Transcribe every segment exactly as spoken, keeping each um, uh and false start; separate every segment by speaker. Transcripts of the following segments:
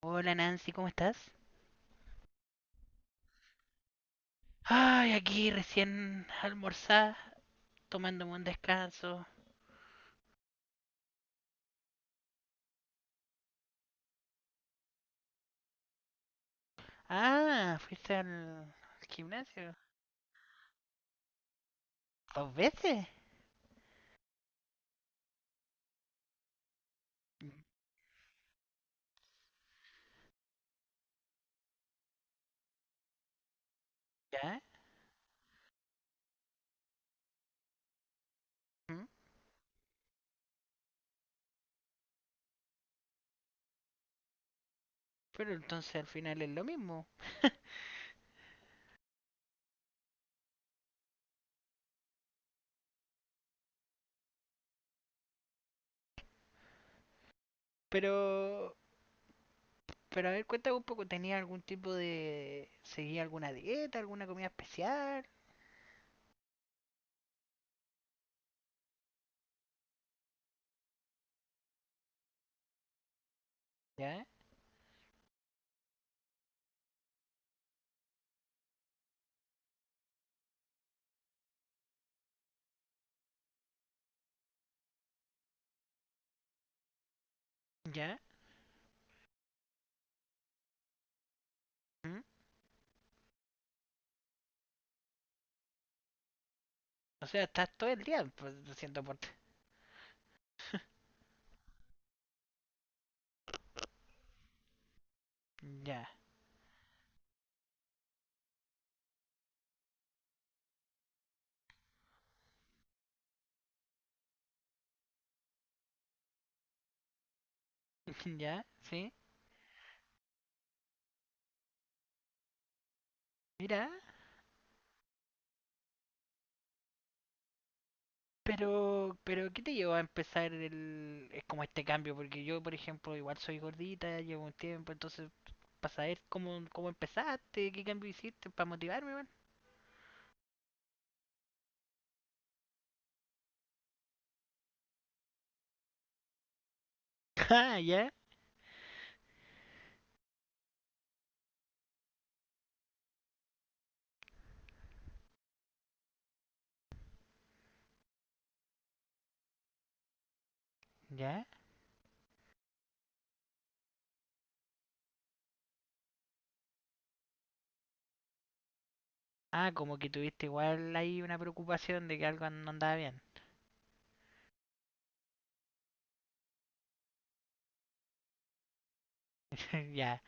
Speaker 1: Hola Nancy, ¿cómo estás? Ay, aquí recién almorzada, tomándome un descanso. Ah, ¿fuiste al, al gimnasio? ¿Dos veces? ¿Ya? ¿Mm? Pero entonces al final es lo mismo. Pero, pero a ver, cuéntame un poco, ¿tenía algún tipo de... ¿Seguía alguna dieta, alguna comida especial? ¿Ya? ¿Ya? ¿Mm? O sea, estás todo el día pues, haciendo deporte. Ya, ya, sí. Mira, Pero, pero, ¿qué te llevó a empezar el, es como este cambio? Porque yo, por ejemplo, igual soy gordita, llevo un tiempo, entonces, para saber cómo, cómo empezaste, qué cambio hiciste, para motivarme, man. Ah, ya. ¿Ya? Ah, como que tuviste igual ahí una preocupación de que algo no andaba bien. Ya.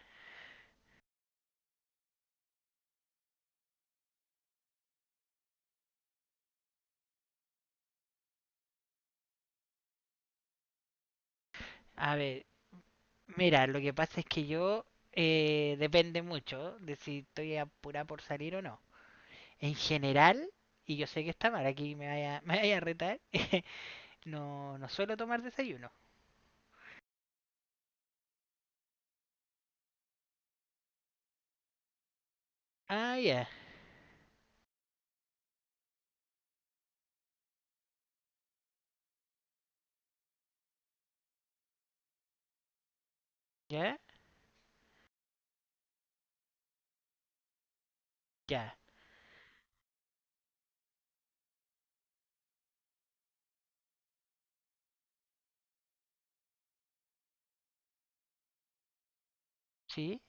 Speaker 1: A ver, mira, lo que pasa es que yo, eh, depende mucho de si estoy apurada por salir o no. En general, y yo sé que está mal, aquí me vaya, me vaya a retar. No, no suelo tomar desayuno. Ah, ya. Ya, ya. Sí,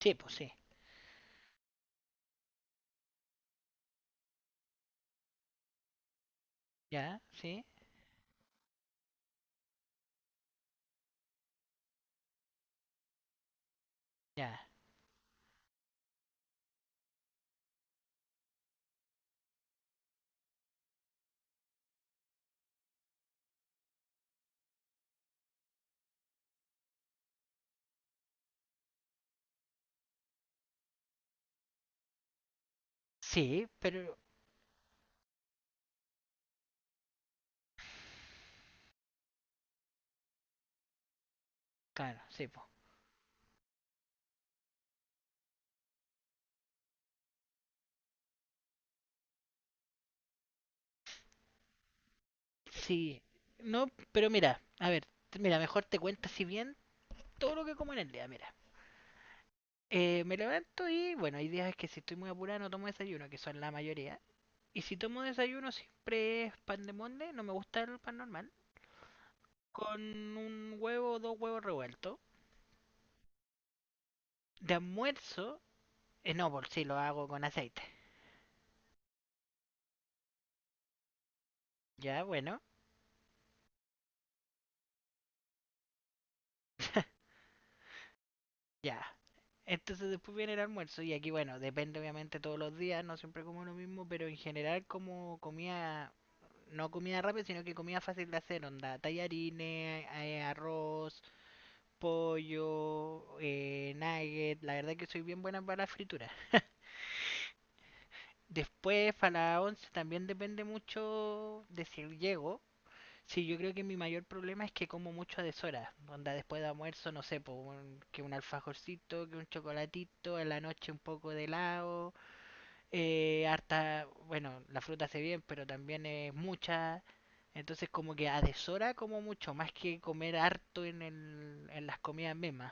Speaker 1: sí, pues sí. Ya, sí, ya. Sí, pero. Claro, sí, pues. Sí. No, pero mira, a ver, mira, mejor te cuento si bien todo lo que como en el día, mira. Eh, me levanto y, bueno, hay días que si estoy muy apurado no tomo desayuno, que son la mayoría. Y si tomo desayuno siempre es pan de molde, no me gusta el pan normal. Con un huevo o dos huevos revueltos. De almuerzo, eh, no, por si lo hago con aceite. Ya, bueno. Ya. Entonces después viene el almuerzo y aquí, bueno, depende obviamente todos los días, no siempre como lo mismo, pero en general como comía, no comida rápida, sino que comida fácil de hacer, onda, tallarines, eh, arroz, pollo, eh, nugget, la verdad que soy bien buena para la fritura. Después para la once también depende mucho de si llego, sí, yo creo que mi mayor problema es que como mucho a deshora. Onda después de almuerzo, no sé, po, un- que un alfajorcito, que un chocolatito, en la noche un poco de helado, eh, harta, bueno, la fruta hace bien, pero también es mucha. Entonces como que a deshora como mucho, más que comer harto en, el, en las comidas mismas.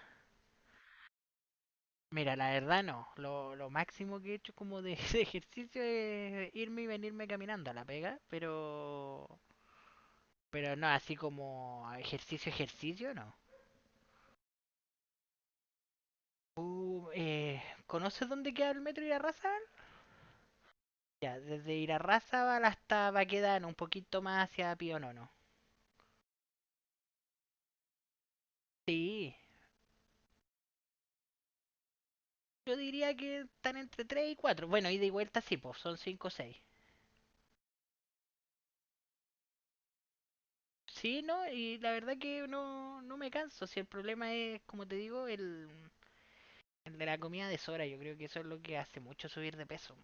Speaker 1: Mira, la verdad no, lo, lo máximo que he hecho como de, de ejercicio es irme y venirme caminando a la pega, pero, pero no, así como ejercicio, ejercicio, no. Uh, eh, ¿Conoces dónde queda el metro Irarrázaval? Ya, desde Irarrázaval hasta Baquedano, un poquito más hacia Pionono. Sí, yo diría que están entre tres y cuatro. Bueno, ida y vuelta sí, pues son cinco o seis. Sí, ¿no? Y la verdad que no, no me canso. Si el problema es, como te digo, el, el de la comida de Sora. Yo creo que eso es lo que hace mucho subir de peso.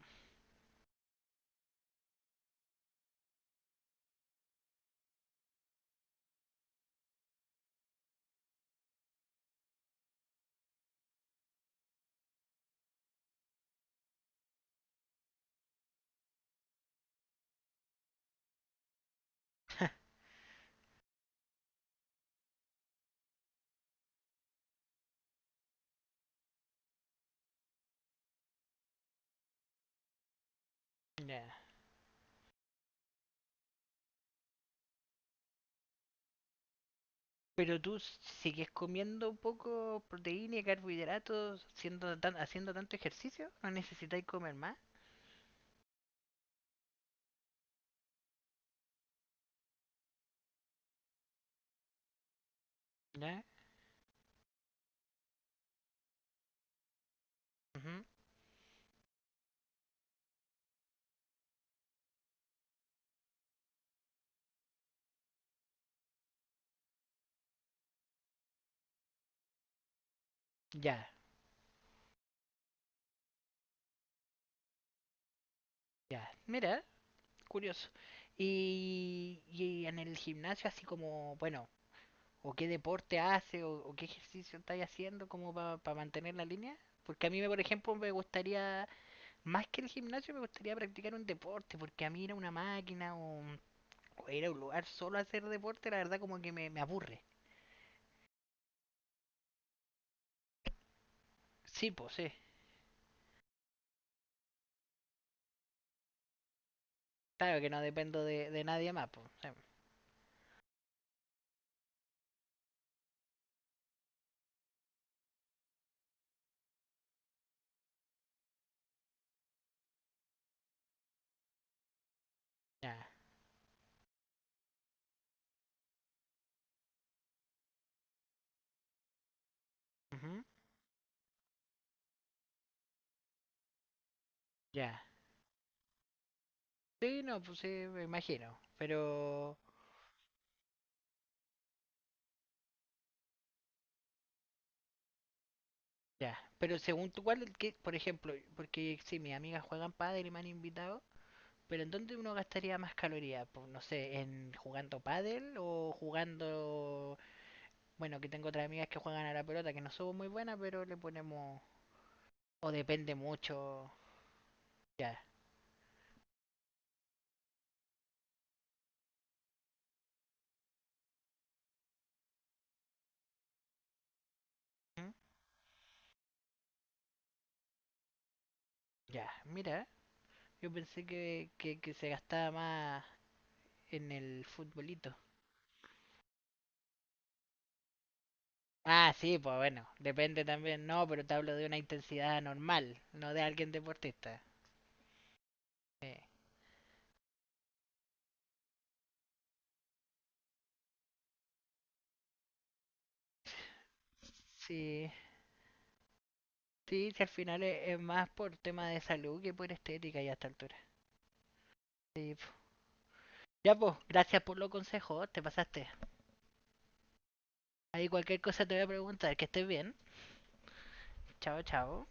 Speaker 1: Ya. Pero tú sigues comiendo un poco proteína y carbohidratos, siendo tan- haciendo tanto ejercicio, ¿no necesitáis comer más? Ya, ujú, ya, ya. Mira, curioso. Y, y en el gimnasio, así como, bueno, o qué deporte hace, o, o qué ejercicio estáis haciendo, como para mantener la línea. Porque a mí, me- por ejemplo, me gustaría, más que el gimnasio, me gustaría practicar un deporte, porque a mí ir a una máquina o, o ir a un lugar solo a hacer deporte, la verdad, como que me, me aburre. Sí, pues sí. Claro que no dependo de, de nadie más, pues. Sí. Ya. Ujú. Ya. Sí, no, pues sí, me imagino. Pero... Ya, pero según tú, ¿cuál, qué- por ejemplo, porque si mis amigas juegan pádel y me han invitado, pero ¿en dónde uno gastaría más calorías? Pues, no sé, ¿en jugando pádel o jugando... Bueno, que tengo otras amigas que juegan a la pelota, que no somos muy buenas, pero le ponemos... O depende mucho... Ya, ¿mm? Ya, mira, yo pensé que, que, que se gastaba más en el futbolito. Ah, sí, pues bueno, depende también, no, pero te hablo de una intensidad normal, no de alguien deportista. Eh, sí. Sí, si al final es, es más por tema de salud que por estética ya a esta altura. Sí, po. Ya pues, gracias por los consejos, te pasaste. Ahí cualquier cosa te voy a preguntar, que estés bien. Chao, chao.